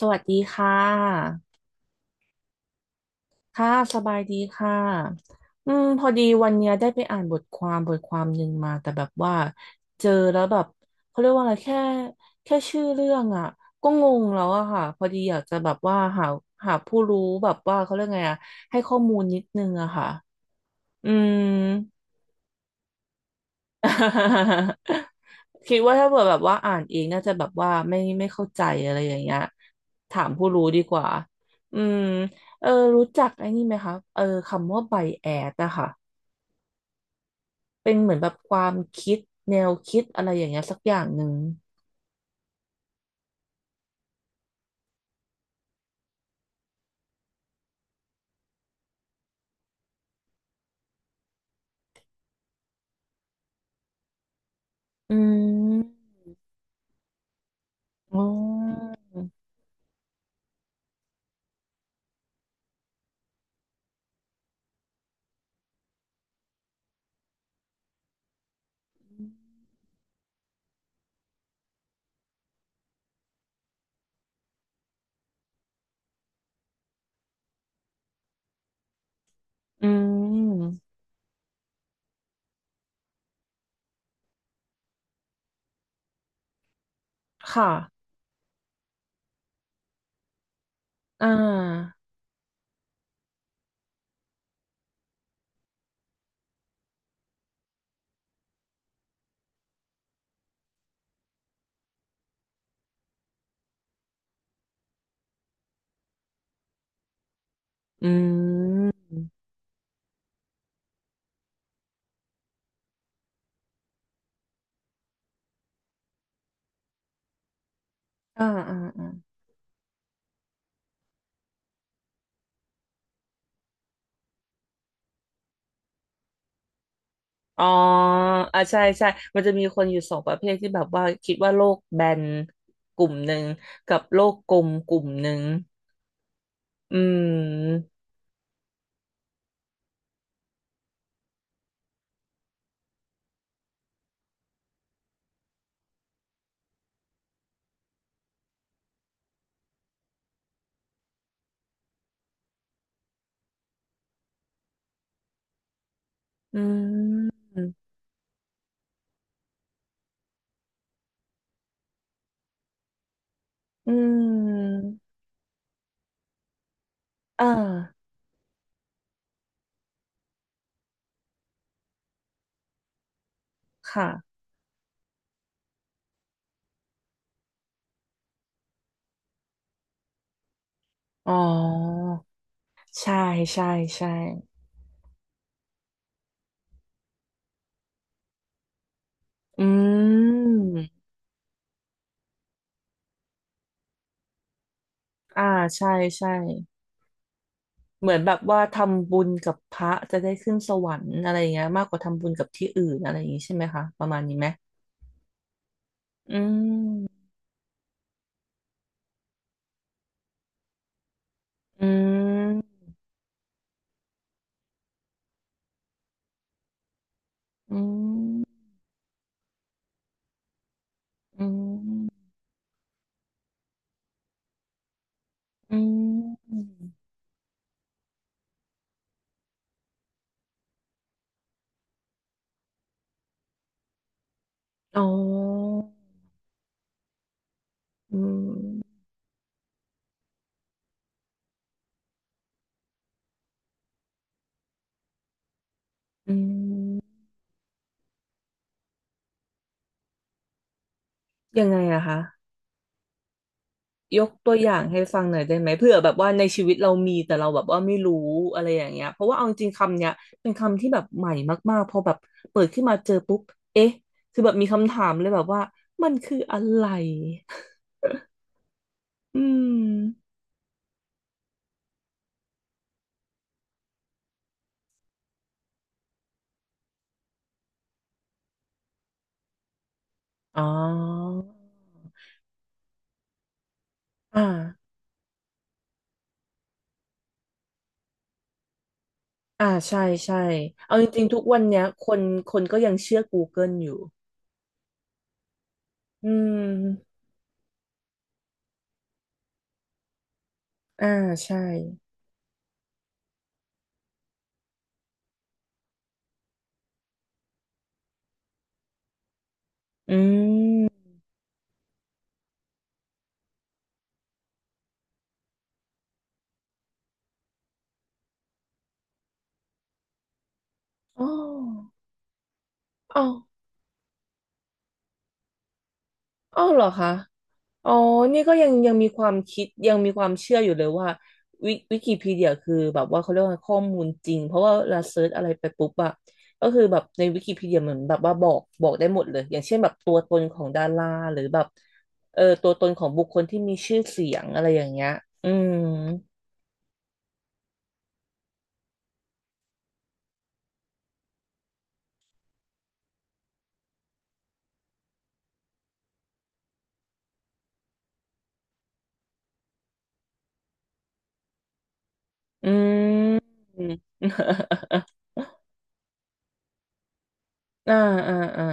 สวัสดีค่ะค่ะสบายดีค่ะพอดีวันเนี้ยได้ไปอ่านบทความหนึ่งมาแต่แบบว่าเจอแล้วแบบเขาเรียกว่าอะไรแค่แค่ชื่อเรื่องอ่ะก็งงแล้วอะค่ะพอดีอยากจะแบบว่าหาผู้รู้แบบว่าเขาเรียกไงอะให้ข้อมูลนิดนึงอะค่ะอืม คิดว่าถ้าเผื่อแบบว่าอ่านเองน่าจะแบบว่าไม่เข้าใจอะไรอย่างเงี้ยถามผู้รู้ดีกว่าอืมเออรู้จักไอ้นี่ไหมคะเออคำว่าไบแอสอะค่ะเป็นเหมือนแบบความคิดแนวคิดอะไรอย่างเงี้ยสักอย่างหนึ่งอืมอ๋ออืมค่ะอ่าอืมอ่าอ่า อ๋ออ่ะใช่ใช่มันจะมีคนอยู่สองประเภทที่แบบว่าคิดว่าโลกแบนกลุ่มหนึ่งกับโลกกลมกลุ่มหนึ่งอืมอืมอืมเออค่ะอ๋อใช่ใช่ใช่อืมอ่าใช่ใช่เหมือนแบบว่าทำบุญกับพระจะได้ขึ้นสวรรค์อะไรอย่างเงี้ยมากกว่าทำบุญกับที่อื่นอะไรอย่างงี้ใช่ไหมคะประมาณนี้ไหมอืมอืมอืม อืมอืมอ๋ออืมอืมยังไงอะคะยกตัวอย่างให้ฟังหน่อยได้ไหมเผื่อแบบว่าในชีวิตเรามีแต่เราแบบว่าไม่รู้อะไรอย่างเงี้ยเพราะว่าเอาจริงๆคำเนี้ยเป็นคำที่แบบใหม่มากๆพอแบบเปิดขึ้นมาเจอปุ๊บเอ๊ะคือแบบมีคำถามเลยแบบว่ามันคืออะไรอืมอ๋ออ่าอ่าใช่ใช่เอาจริงๆทุกวันเนี้ยคนก็ยังเชื่อ Google อยู่อืม อ่าใช่อืมอ๋ออ๋ออ๋อเหรอคะอ๋อนี่ก็ยังมีความคิดยังมีความเชื่ออยู่เลยว่าวิวิกิพีเดียคือแบบว่าเขาเรียกว่าข้อมูลจริงเพราะว่าเราเซิร์ชอะไรไปปุ๊บอะก็คือแบบในวิกิพีเดียเหมือนแบบว่าบอกได้หมดเลยอย่างเช่นแบบตัวตนของดาราหรือแบบเออตัวตนของบุคคลที่มีชื่อเสียงอะไรอย่างเงี้ยอืม อืม อ่าอ่า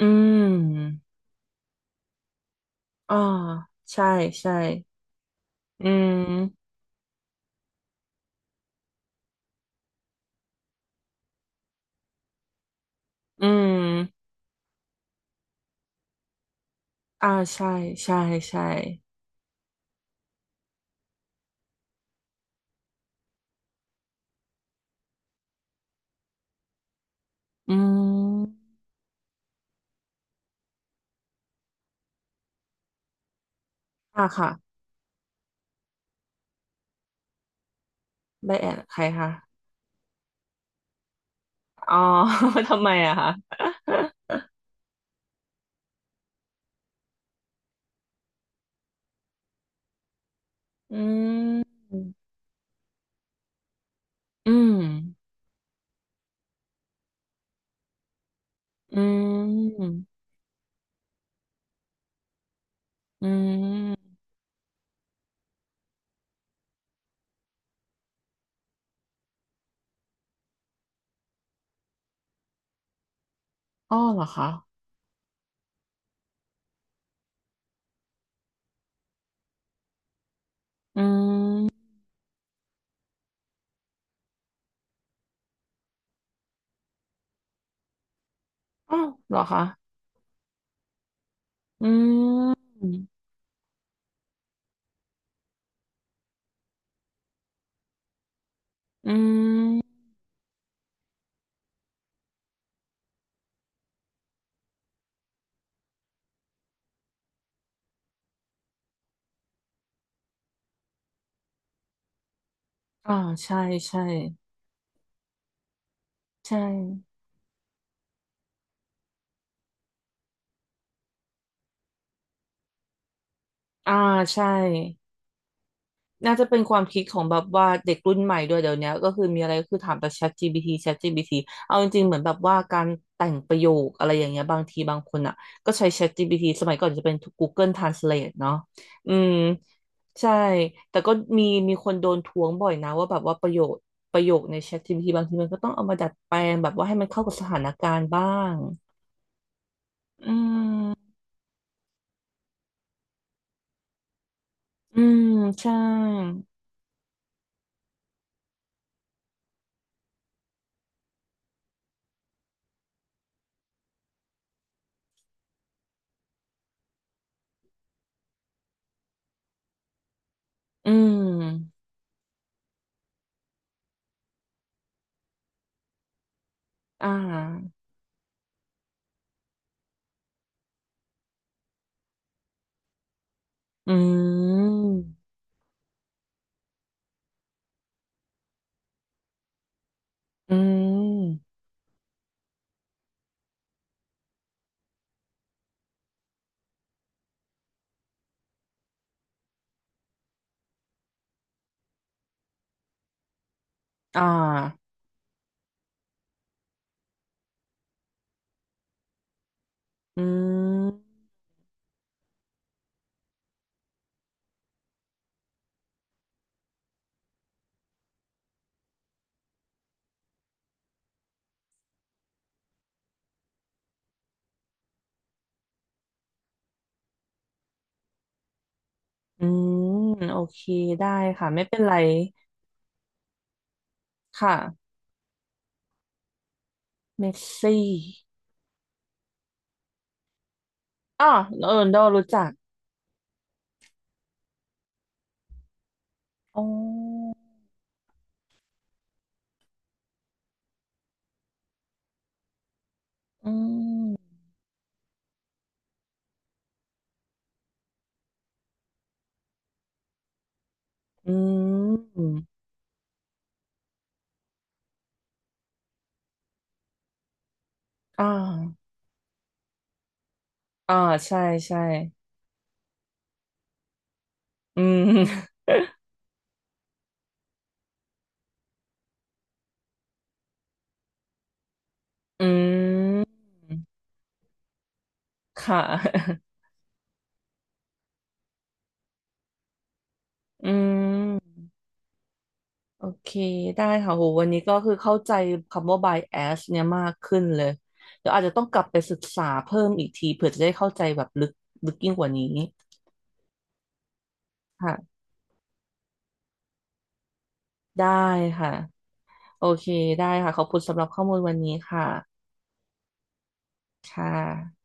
อืม อ่าใช่ใช่ อืมอืมอ่าใช่ใช่ใช่อืมอ่าค่ะได้แอดใครคะอ๋อ ทำไมอะคะอืมอืมอืมอืมอ้อเหรอคะอืมอ้าวเหรอคะอืมอืมอ่าใช่ใช่ใช่อ่าใช่ น่าจะเป็นความคิดของแบบว่าเด็กรุ่นใหม่ด้วยเดี๋ยวเนี้ยก็คือมีอะไรก็คือถามแต่ ChatGPT เอาจริงๆเหมือนแบบว่าการแต่งประโยคอะไรอย่างเงี้ยบางทีบางคนอ่ะก็ใช้ ChatGPT สมัยก่อนจะเป็น Google Translate เนาะอืมใช่แต่ก็มีมีคนโดนท้วงบ่อยนะว่าแบบว่าประโยคใน ChatGPT บางทีมันก็ต้องเอามาดัดแปลงแบบว่าให้มันเข้ากับสถานการณ์บ้างอืมอืมใช่อืมอ่าอืม อืมอ่าอืมอืมโอเคได้ค่ะไม่เป็นไรค่ะเมสซี่อ๋อเออโดรู้จักอ๋ออืมอืมอ่าอ่าใช่ใช่อืมอืมค่ะอืม โอเคได้ค่ะโหวันนี้ก็คือเข้าใจคำว่า bias เนี่ยมากขึ้นเลยเดี๋ยวอาจจะต้องกลับไปศึกษาเพิ่มอีกทีเผื่อจะได้เข้าใจแบบลึกยิ่งกว่านี้ค่ะได้ค่ะโอเคได้ค่ะขอบคุณสำหรับข้อมูลวันนี้ค่ะค่ะ